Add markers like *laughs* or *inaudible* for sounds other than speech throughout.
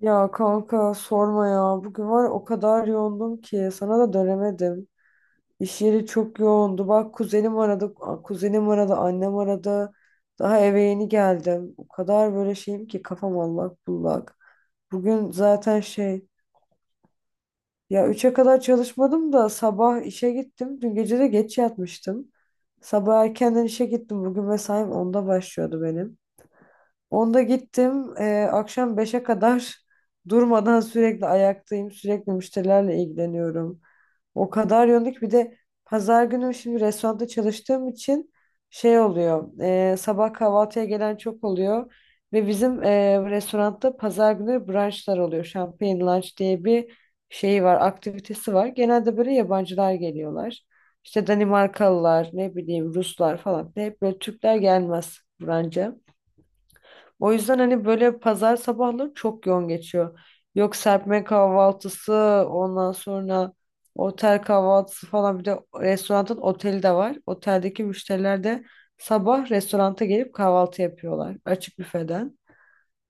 Ya kanka sorma ya. Bugün var ya o kadar yoğundum ki sana da dönemedim. İş yeri çok yoğundu. Bak kuzenim aradı, kuzenim aradı, annem aradı. Daha eve yeni geldim. O kadar böyle şeyim ki kafam allak bullak. Bugün zaten şey ya üçe kadar çalışmadım da sabah işe gittim. Dün gece de geç yatmıştım. Sabah erkenden işe gittim. Bugün mesaim 10'da başlıyordu benim. 10'da gittim. Akşam 5'e kadar *laughs* durmadan sürekli ayaktayım. Sürekli müşterilerle ilgileniyorum. O kadar yoğunluk ki bir de pazar günü şimdi restoranda çalıştığım için şey oluyor. Sabah kahvaltıya gelen çok oluyor. Ve bizim restoranda pazar günü brunchlar oluyor. Champagne lunch diye bir şey var, aktivitesi var. Genelde böyle yabancılar geliyorlar. İşte Danimarkalılar, ne bileyim Ruslar falan. Hep böyle Türkler gelmez brunch'a. O yüzden hani böyle pazar sabahları çok yoğun geçiyor. Yok serpme kahvaltısı, ondan sonra otel kahvaltısı falan bir de restoranın oteli de var. Oteldeki müşteriler de sabah restoranta gelip kahvaltı yapıyorlar açık büfeden.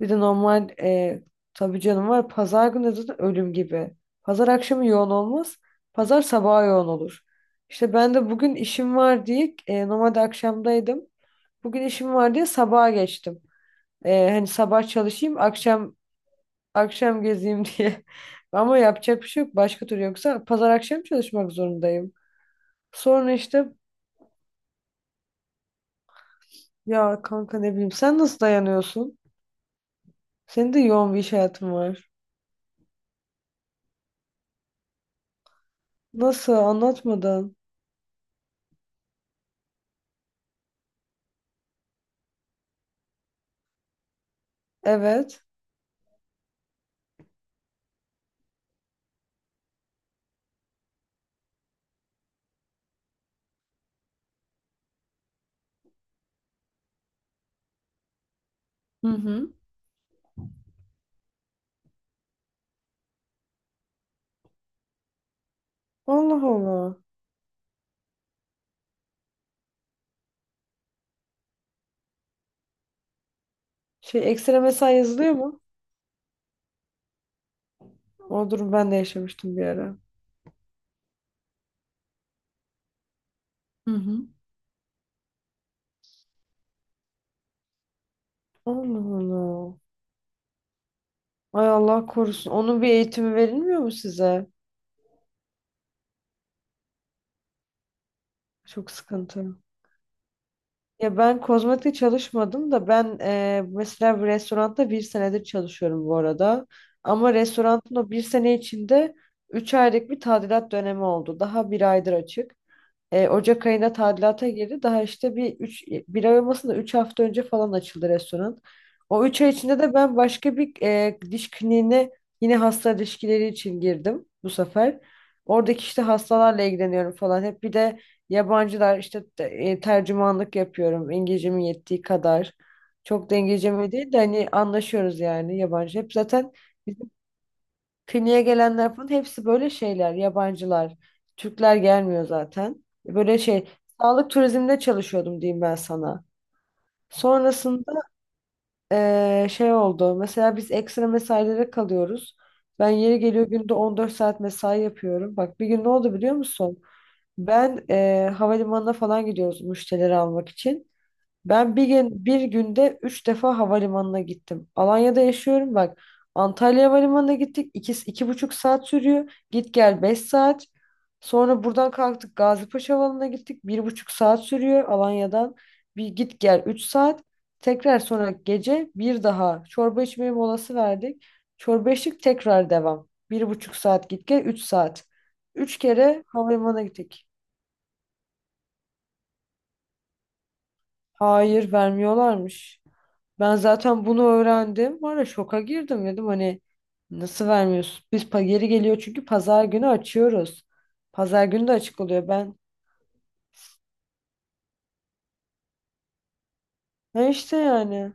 Bir de normal tabii canım var pazar günü zaten ölüm gibi. Pazar akşamı yoğun olmaz, pazar sabahı yoğun olur. İşte ben de bugün işim var diye normalde akşamdaydım. Bugün işim var diye sabaha geçtim. Hani sabah çalışayım, akşam akşam gezeyim *laughs* diye. Ama yapacak bir şey yok. Başka türlü yoksa pazar akşam çalışmak zorundayım. Sonra işte ya kanka ne bileyim sen nasıl dayanıyorsun? Senin de yoğun bir iş hayatın var. Nasıl anlatmadan? Evet. Hı hı. Allah Allah. Şey ekstra mesai yazılıyor mu? O durum ben de yaşamıştım bir ara. Hı hı. Allah Allah. Ay Allah korusun. Onun bir eğitimi verilmiyor mu size? Çok sıkıntı. Ya ben kozmetikte çalışmadım da ben mesela bir restoranda bir senedir çalışıyorum bu arada. Ama restoranın o bir sene içinde üç aylık bir tadilat dönemi oldu. Daha bir aydır açık. Ocak ayında tadilata girdi. Daha işte bir ay olmasın da 3 hafta önce falan açıldı restoran. O 3 ay içinde de ben başka bir diş kliniğine yine hasta ilişkileri için girdim bu sefer. Oradaki işte hastalarla ilgileniyorum falan. Hep bir de yabancılar işte tercümanlık yapıyorum. İngilizcemin yettiği kadar. Çok da İngilizcemi değil de hani anlaşıyoruz yani yabancı. Hep zaten kliniğe gelenler falan hepsi böyle şeyler, yabancılar. Türkler gelmiyor zaten. Böyle şey, sağlık turizminde çalışıyordum diyeyim ben sana. Sonrasında şey oldu. Mesela biz ekstra mesailere kalıyoruz. Ben yeri geliyor günde 14 saat mesai yapıyorum. Bak bir gün ne oldu biliyor musun? Ben havalimanına falan gidiyoruz müşterileri almak için. Ben bir günde üç defa havalimanına gittim. Alanya'da yaşıyorum bak. Antalya Havalimanı'na gittik. İki, 2,5 saat sürüyor. Git gel beş saat. Sonra buradan kalktık Gazipaşa Havalimanı'na gittik. Bir buçuk saat sürüyor Alanya'dan. Bir git gel üç saat. Tekrar sonra gece bir daha çorba içmeye molası verdik. Çorba içtik tekrar devam. Bir buçuk saat git gel üç saat. Üç kere havalimanına gittik. Hayır vermiyorlarmış. Ben zaten bunu öğrendim. Var ya şoka girdim dedim hani nasıl vermiyorsun? Biz geri geliyor çünkü pazar günü açıyoruz. Pazar günü de açık oluyor ben. Ha işte yani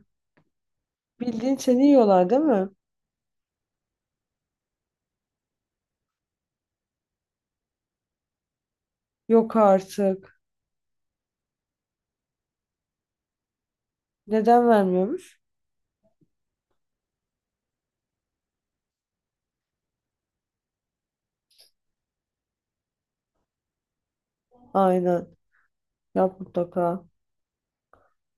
bildiğin seni yiyorlar değil mi? Yok artık. Neden vermiyormuş? Aynen. Yap mutlaka.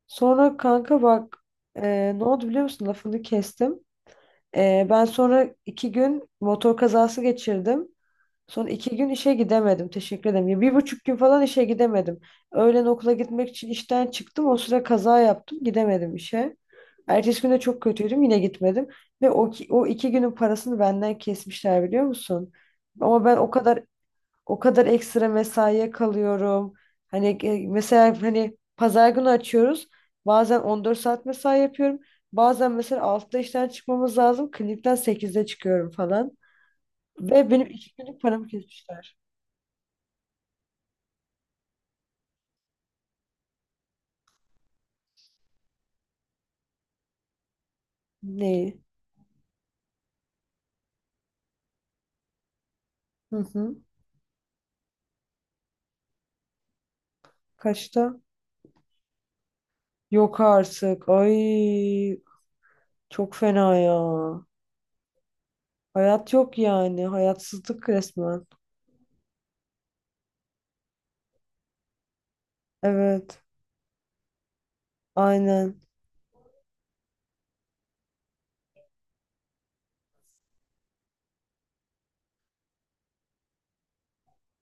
Sonra kanka bak ne oldu biliyor musun? Lafını kestim. Ben sonra iki gün motor kazası geçirdim. Sonra iki gün işe gidemedim. Teşekkür ederim. Ya bir buçuk gün falan işe gidemedim. Öğlen okula gitmek için işten çıktım. O sıra kaza yaptım. Gidemedim işe. Ertesi gün de çok kötüydüm. Yine gitmedim. Ve o iki günün parasını benden kesmişler biliyor musun? Ama ben o kadar ekstra mesaiye kalıyorum. Hani mesela hani pazar günü açıyoruz. Bazen 14 saat mesai yapıyorum. Bazen mesela 6'da işten çıkmamız lazım. Klinikten 8'de çıkıyorum falan. Ve benim iki günlük paramı kesmişler. Ne? Hı hı. Kaçta? Yok artık. Ay çok fena ya. Hayat yok yani. Hayatsızlık resmen. Evet. Aynen.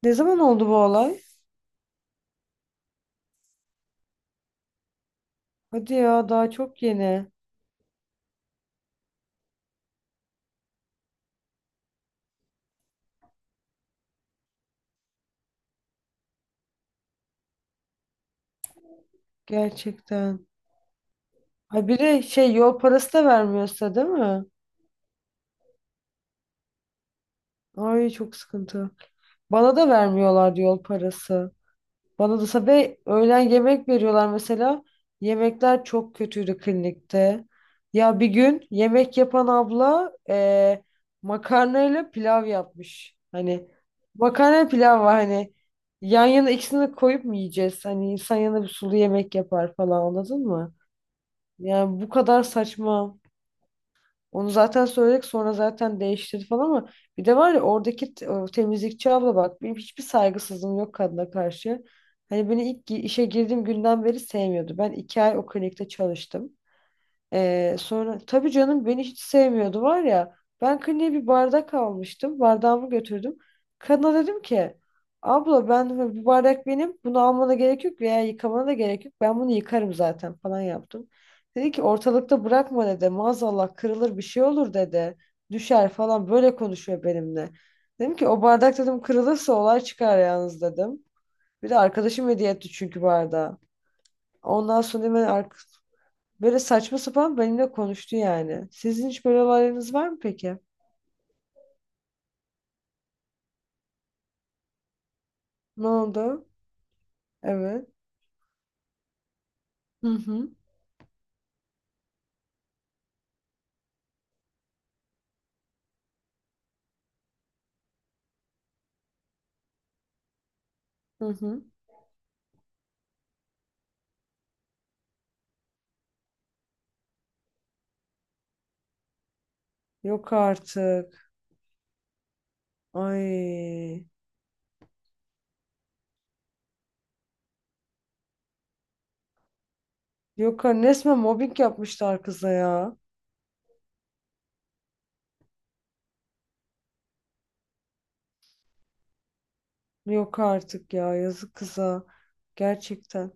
Ne zaman oldu bu olay? Hadi ya daha çok yeni. Gerçekten. Ha bir de şey yol parası da vermiyorsa değil mi? Ay çok sıkıntı. Bana da vermiyorlardı yol parası. Bana da sabah öğlen yemek veriyorlar mesela. Yemekler çok kötüydü klinikte. Ya bir gün yemek yapan abla makarnayla pilav yapmış. Hani makarna pilav var hani yan yana ikisini koyup mu yiyeceğiz? Hani insan yanında bir sulu yemek yapar falan anladın mı? Yani bu kadar saçma. Onu zaten söyledik sonra zaten değiştirdi falan ama bir de var ya oradaki o temizlikçi abla bak benim hiçbir saygısızlığım yok kadına karşı. Hani beni ilk işe girdiğim günden beri sevmiyordu. Ben iki ay o klinikte çalıştım. Sonra tabii canım beni hiç sevmiyordu var ya. Ben kliniğe bir bardak almıştım. Bardağımı götürdüm. Kadına dedim ki abla ben hani, bu bardak benim. Bunu almana gerek yok veya yıkamana da gerek yok. Ben bunu yıkarım zaten falan yaptım. Dedi ki ortalıkta bırakma dedi. Maazallah kırılır bir şey olur dedi. Düşer falan böyle konuşuyor benimle. Dedim ki o bardak dedim kırılırsa olay çıkar yalnız dedim. Bir de arkadaşım hediye etti çünkü bardağı. Ondan sonra hemen böyle saçma sapan benimle konuştu yani. Sizin hiç böyle olaylarınız var mı peki? Ne oldu? Evet. Hı hı. Hı hı. Yok artık. Ay. Yok artık. Resmen mobbing yapmışlar kıza ya. Yok artık ya. Yazık kıza. Gerçekten.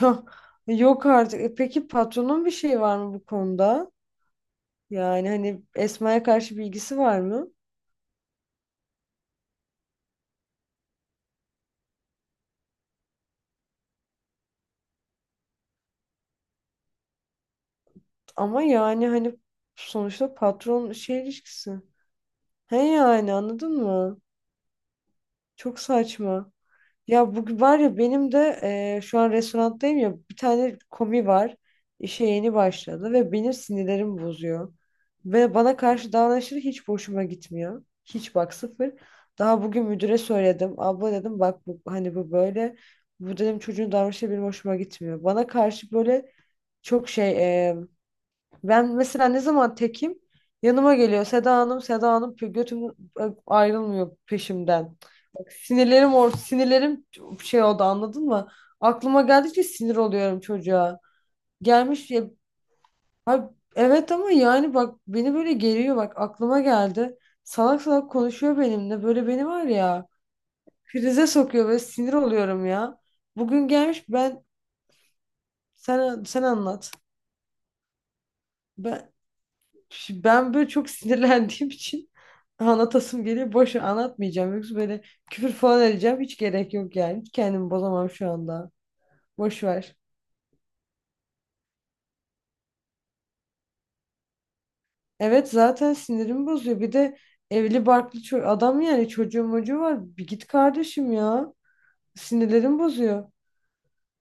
Ya, *laughs* yok artık. E peki patronun bir şeyi var mı bu konuda? Yani hani Esma'ya karşı bilgisi var mı? Ama yani hani sonuçta patron şey ilişkisi. He yani anladın mı? Çok saçma. Ya bu var ya benim de şu an restoranttayım ya bir tane komi var. İşe yeni başladı ve benim sinirlerim bozuyor. Ve bana karşı davranışları hiç hoşuma gitmiyor. Hiç bak sıfır. Daha bugün müdüre söyledim. Abla dedim bak bu, hani bu böyle. Bu dedim çocuğun davranışı benim hoşuma gitmiyor. Bana karşı böyle çok şey e, ben mesela ne zaman tekim yanıma geliyor Seda Hanım Seda Hanım götüm ayrılmıyor peşimden. Sinirlerim şey oldu anladın mı? Aklıma geldikçe sinir oluyorum çocuğa. Gelmiş ya. Ay, evet ama yani bak beni böyle geriyor bak aklıma geldi. Salak salak konuşuyor benimle böyle beni var ya krize sokuyor ve sinir oluyorum ya. Bugün gelmiş ben. Sen anlat. Ben ben böyle çok *laughs* sinirlendiğim için anlatasım geliyor. Boşa anlatmayacağım. Yoksa böyle küfür falan edeceğim. Hiç gerek yok yani. Hiç kendimi bozamam şu anda. Boş ver. Evet zaten sinirimi bozuyor. Bir de evli barklı adam yani çocuğu mocuğu var. Bir git kardeşim ya. Sinirlerim bozuyor.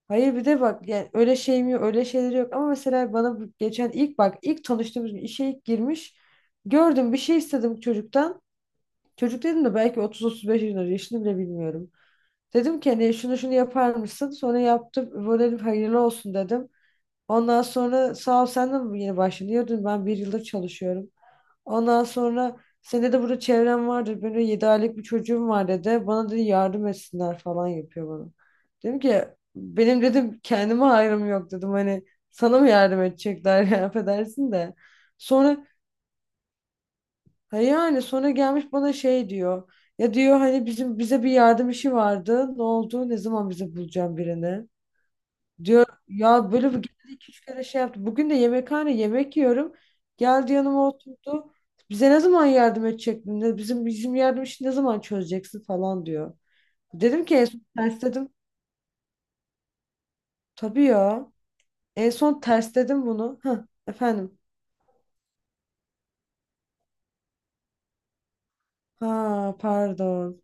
Hayır bir de bak yani öyle şey mi öyle şeyleri yok ama mesela bana bu geçen ilk bak ilk tanıştığımız gün işe ilk girmiş gördüm bir şey istedim çocuktan. Çocuk dedim de belki 30-35 yaşında yaşını bile bilmiyorum. Dedim ki hani şunu şunu yapar mısın? Sonra yaptım böyle dedim, hayırlı olsun dedim. Ondan sonra sağ ol sen de mi yeni başladın? Diyordun ben bir yıldır çalışıyorum. Ondan sonra senin de burada çevren vardır. Böyle 7 aylık bir çocuğum var dedi. Bana dedi yardım etsinler falan yapıyor bana. Dedim ki benim dedim kendime hayrım yok dedim. Hani sana mı yardım edecekler *laughs* ya affedersin de. Sonra ha yani sonra gelmiş bana şey diyor. Ya diyor hani bize bir yardım işi vardı. Ne oldu? Ne zaman bize bulacağım birini? Diyor ya böyle bir geldi iki üç kere şey yaptı. Bugün de yemekhane yemek yiyorum. Geldi yanıma oturdu. Bize ne zaman yardım edecek? Bizim yardım işini ne zaman çözeceksin falan diyor. Dedim ki en son tersledim. Tabii ya. En son tersledim bunu. Hah, efendim. Ha pardon.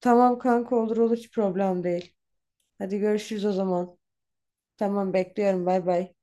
Tamam kanka olur olur hiç problem değil. Hadi görüşürüz o zaman. Tamam bekliyorum bay bay.